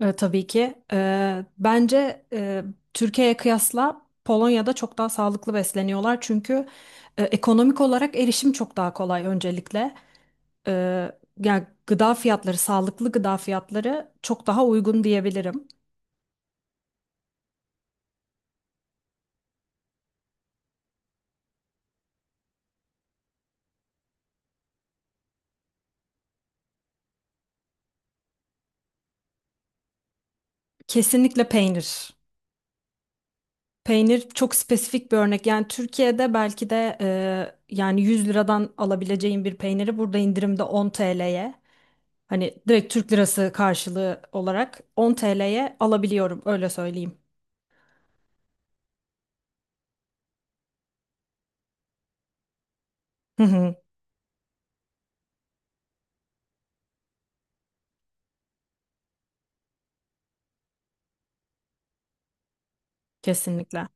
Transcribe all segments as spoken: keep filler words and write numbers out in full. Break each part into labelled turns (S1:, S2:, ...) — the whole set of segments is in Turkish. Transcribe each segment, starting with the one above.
S1: E, tabii ki. E, bence e, Türkiye'ye kıyasla Polonya'da çok daha sağlıklı besleniyorlar. Çünkü e, ekonomik olarak erişim çok daha kolay öncelikle. E, Yani gıda fiyatları, sağlıklı gıda fiyatları çok daha uygun diyebilirim. Kesinlikle peynir. Peynir çok spesifik bir örnek. Yani Türkiye'de belki de e, yani yüz liradan alabileceğin bir peyniri burada indirimde on T L'ye hani direkt Türk lirası karşılığı olarak on T L'ye alabiliyorum, öyle söyleyeyim. Hı hı. Kesinlikle.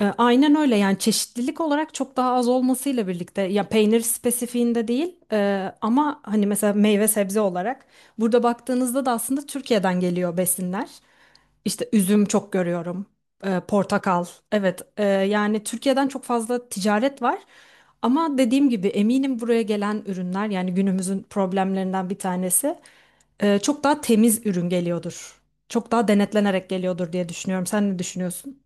S1: E, aynen öyle, yani çeşitlilik olarak çok daha az olmasıyla birlikte ya peynir spesifiğinde değil, e, ama hani mesela meyve sebze olarak burada baktığınızda da aslında Türkiye'den geliyor besinler. İşte üzüm çok görüyorum. E, portakal. Evet, e, yani Türkiye'den çok fazla ticaret var. Ama dediğim gibi eminim buraya gelen ürünler, yani günümüzün problemlerinden bir tanesi, e, çok daha temiz ürün geliyordur. Çok daha denetlenerek geliyordur diye düşünüyorum. Sen ne düşünüyorsun?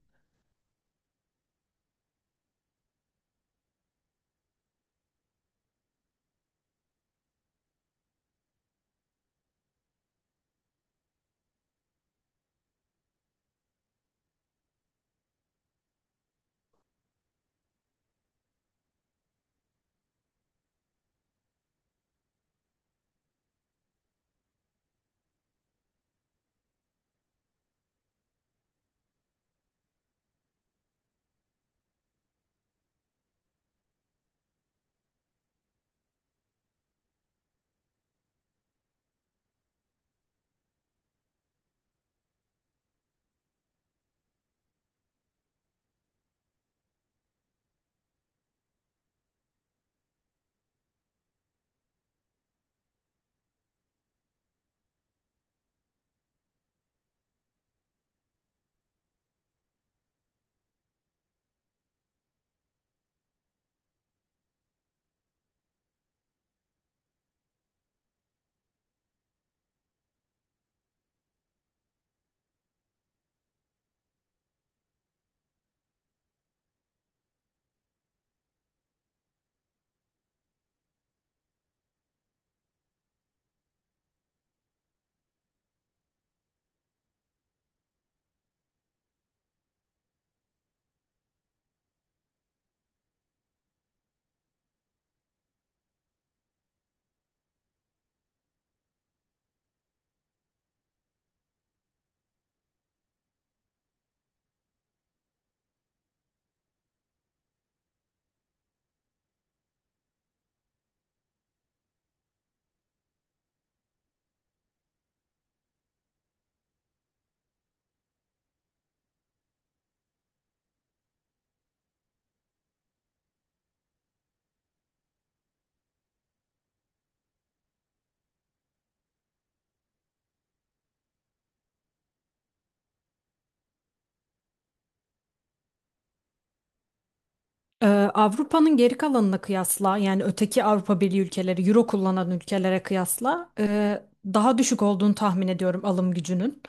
S1: Ee, Avrupa'nın geri kalanına kıyasla yani öteki Avrupa Birliği ülkeleri, Euro kullanan ülkelere kıyasla e, daha düşük olduğunu tahmin ediyorum alım gücünün.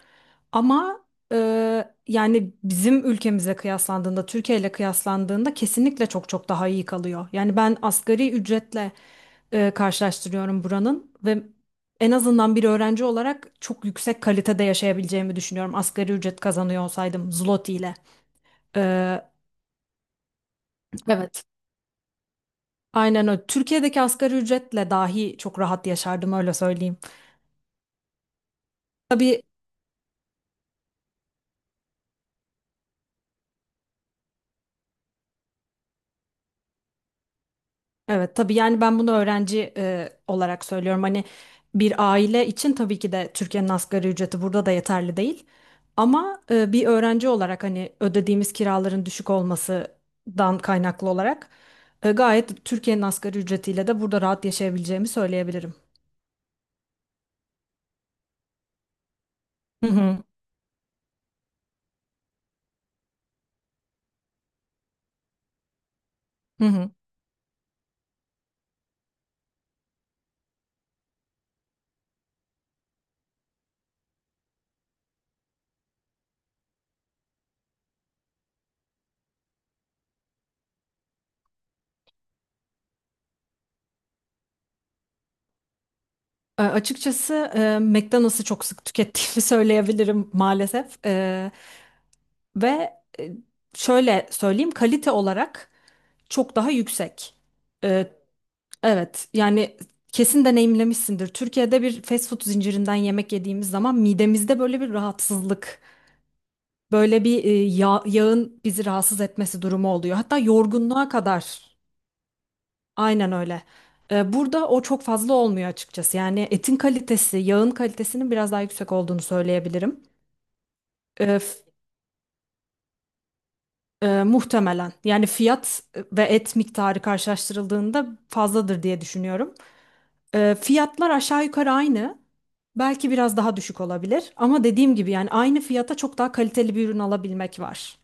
S1: Ama e, yani bizim ülkemize kıyaslandığında, Türkiye ile kıyaslandığında kesinlikle çok çok daha iyi kalıyor. Yani ben asgari ücretle e, karşılaştırıyorum buranın ve en azından bir öğrenci olarak çok yüksek kalitede yaşayabileceğimi düşünüyorum. Asgari ücret kazanıyor olsaydım zloty ile. Ee, Evet. Aynen öyle. Türkiye'deki asgari ücretle dahi çok rahat yaşardım, öyle söyleyeyim. Tabii, evet, tabii yani ben bunu öğrenci e, olarak söylüyorum. Hani bir aile için tabii ki de Türkiye'nin asgari ücreti burada da yeterli değil. Ama e, bir öğrenci olarak hani ödediğimiz kiraların düşük olmasından kaynaklı olarak e, gayet Türkiye'nin asgari ücretiyle de burada rahat yaşayabileceğimi söyleyebilirim. Hı hı. Hı hı. E, açıkçası e, McDonald's'ı çok sık tükettiğimi söyleyebilirim maalesef. Ve e, şöyle söyleyeyim, kalite olarak çok daha yüksek. E, evet, yani kesin deneyimlemişsindir. Türkiye'de bir fast food zincirinden yemek yediğimiz zaman midemizde böyle bir rahatsızlık, böyle bir e, yağ- yağın bizi rahatsız etmesi durumu oluyor. Hatta yorgunluğa kadar. Aynen öyle. E, burada o çok fazla olmuyor açıkçası. Yani etin kalitesi, yağın kalitesinin biraz daha yüksek olduğunu söyleyebilirim. Ee, muhtemelen. Yani fiyat e, ve et miktarı karşılaştırıldığında fazladır diye düşünüyorum. Ee, fiyatlar aşağı yukarı aynı. Belki biraz daha düşük olabilir. Ama dediğim gibi yani aynı fiyata çok daha kaliteli bir ürün alabilmek var.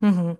S1: Hı hı.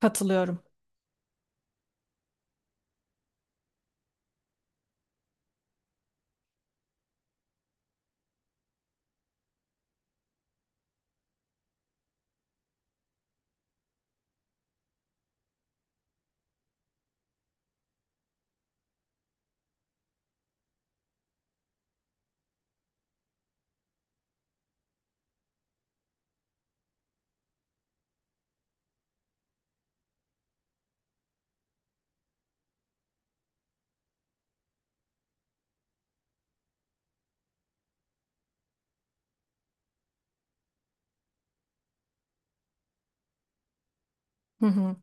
S1: Katılıyorum. Hı hı.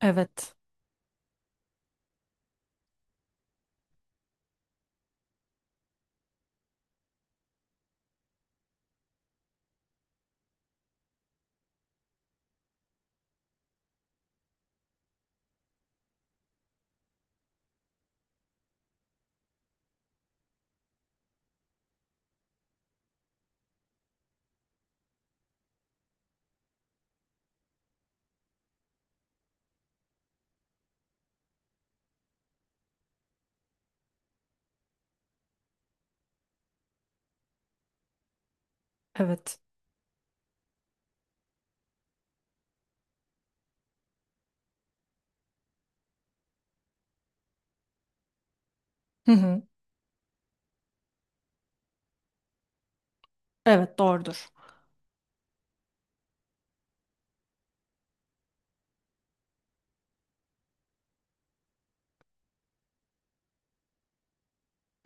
S1: Evet. Evet. Hı hı. Evet, doğrudur.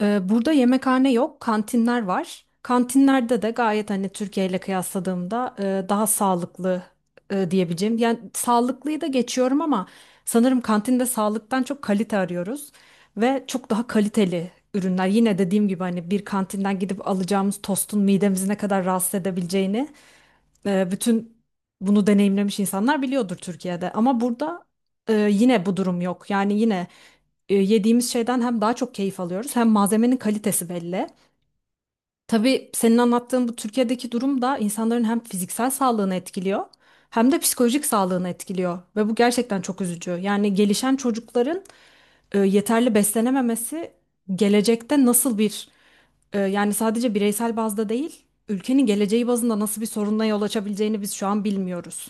S1: Ee, Burada yemekhane yok, kantinler var. Kantinlerde de gayet, hani Türkiye ile kıyasladığımda e, daha sağlıklı, e, diyebileceğim. Yani sağlıklıyı da geçiyorum ama sanırım kantinde sağlıktan çok kalite arıyoruz ve çok daha kaliteli ürünler. Yine dediğim gibi hani bir kantinden gidip alacağımız tostun midemizi ne kadar rahatsız edebileceğini, e, bütün bunu deneyimlemiş insanlar biliyordur Türkiye'de. Ama burada e, yine bu durum yok. Yani yine e, yediğimiz şeyden hem daha çok keyif alıyoruz hem malzemenin kalitesi belli. Tabii senin anlattığın bu Türkiye'deki durum da insanların hem fiziksel sağlığını etkiliyor hem de psikolojik sağlığını etkiliyor ve bu gerçekten çok üzücü. Yani gelişen çocukların e, yeterli beslenememesi gelecekte nasıl bir, e, yani sadece bireysel bazda değil ülkenin geleceği bazında nasıl bir sorunla yol açabileceğini biz şu an bilmiyoruz.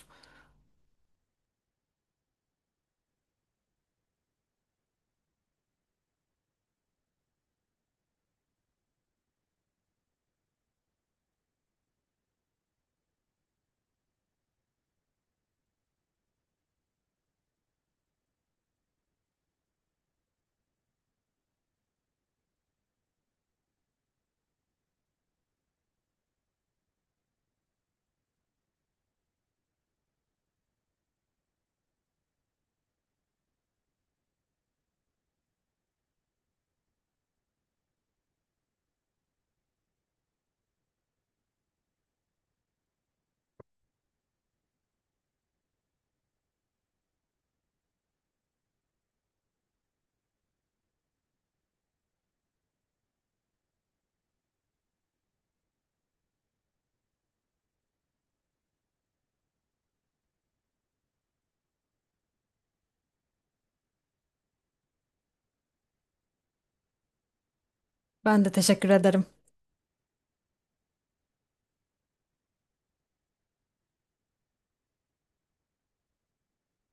S1: Ben de teşekkür ederim.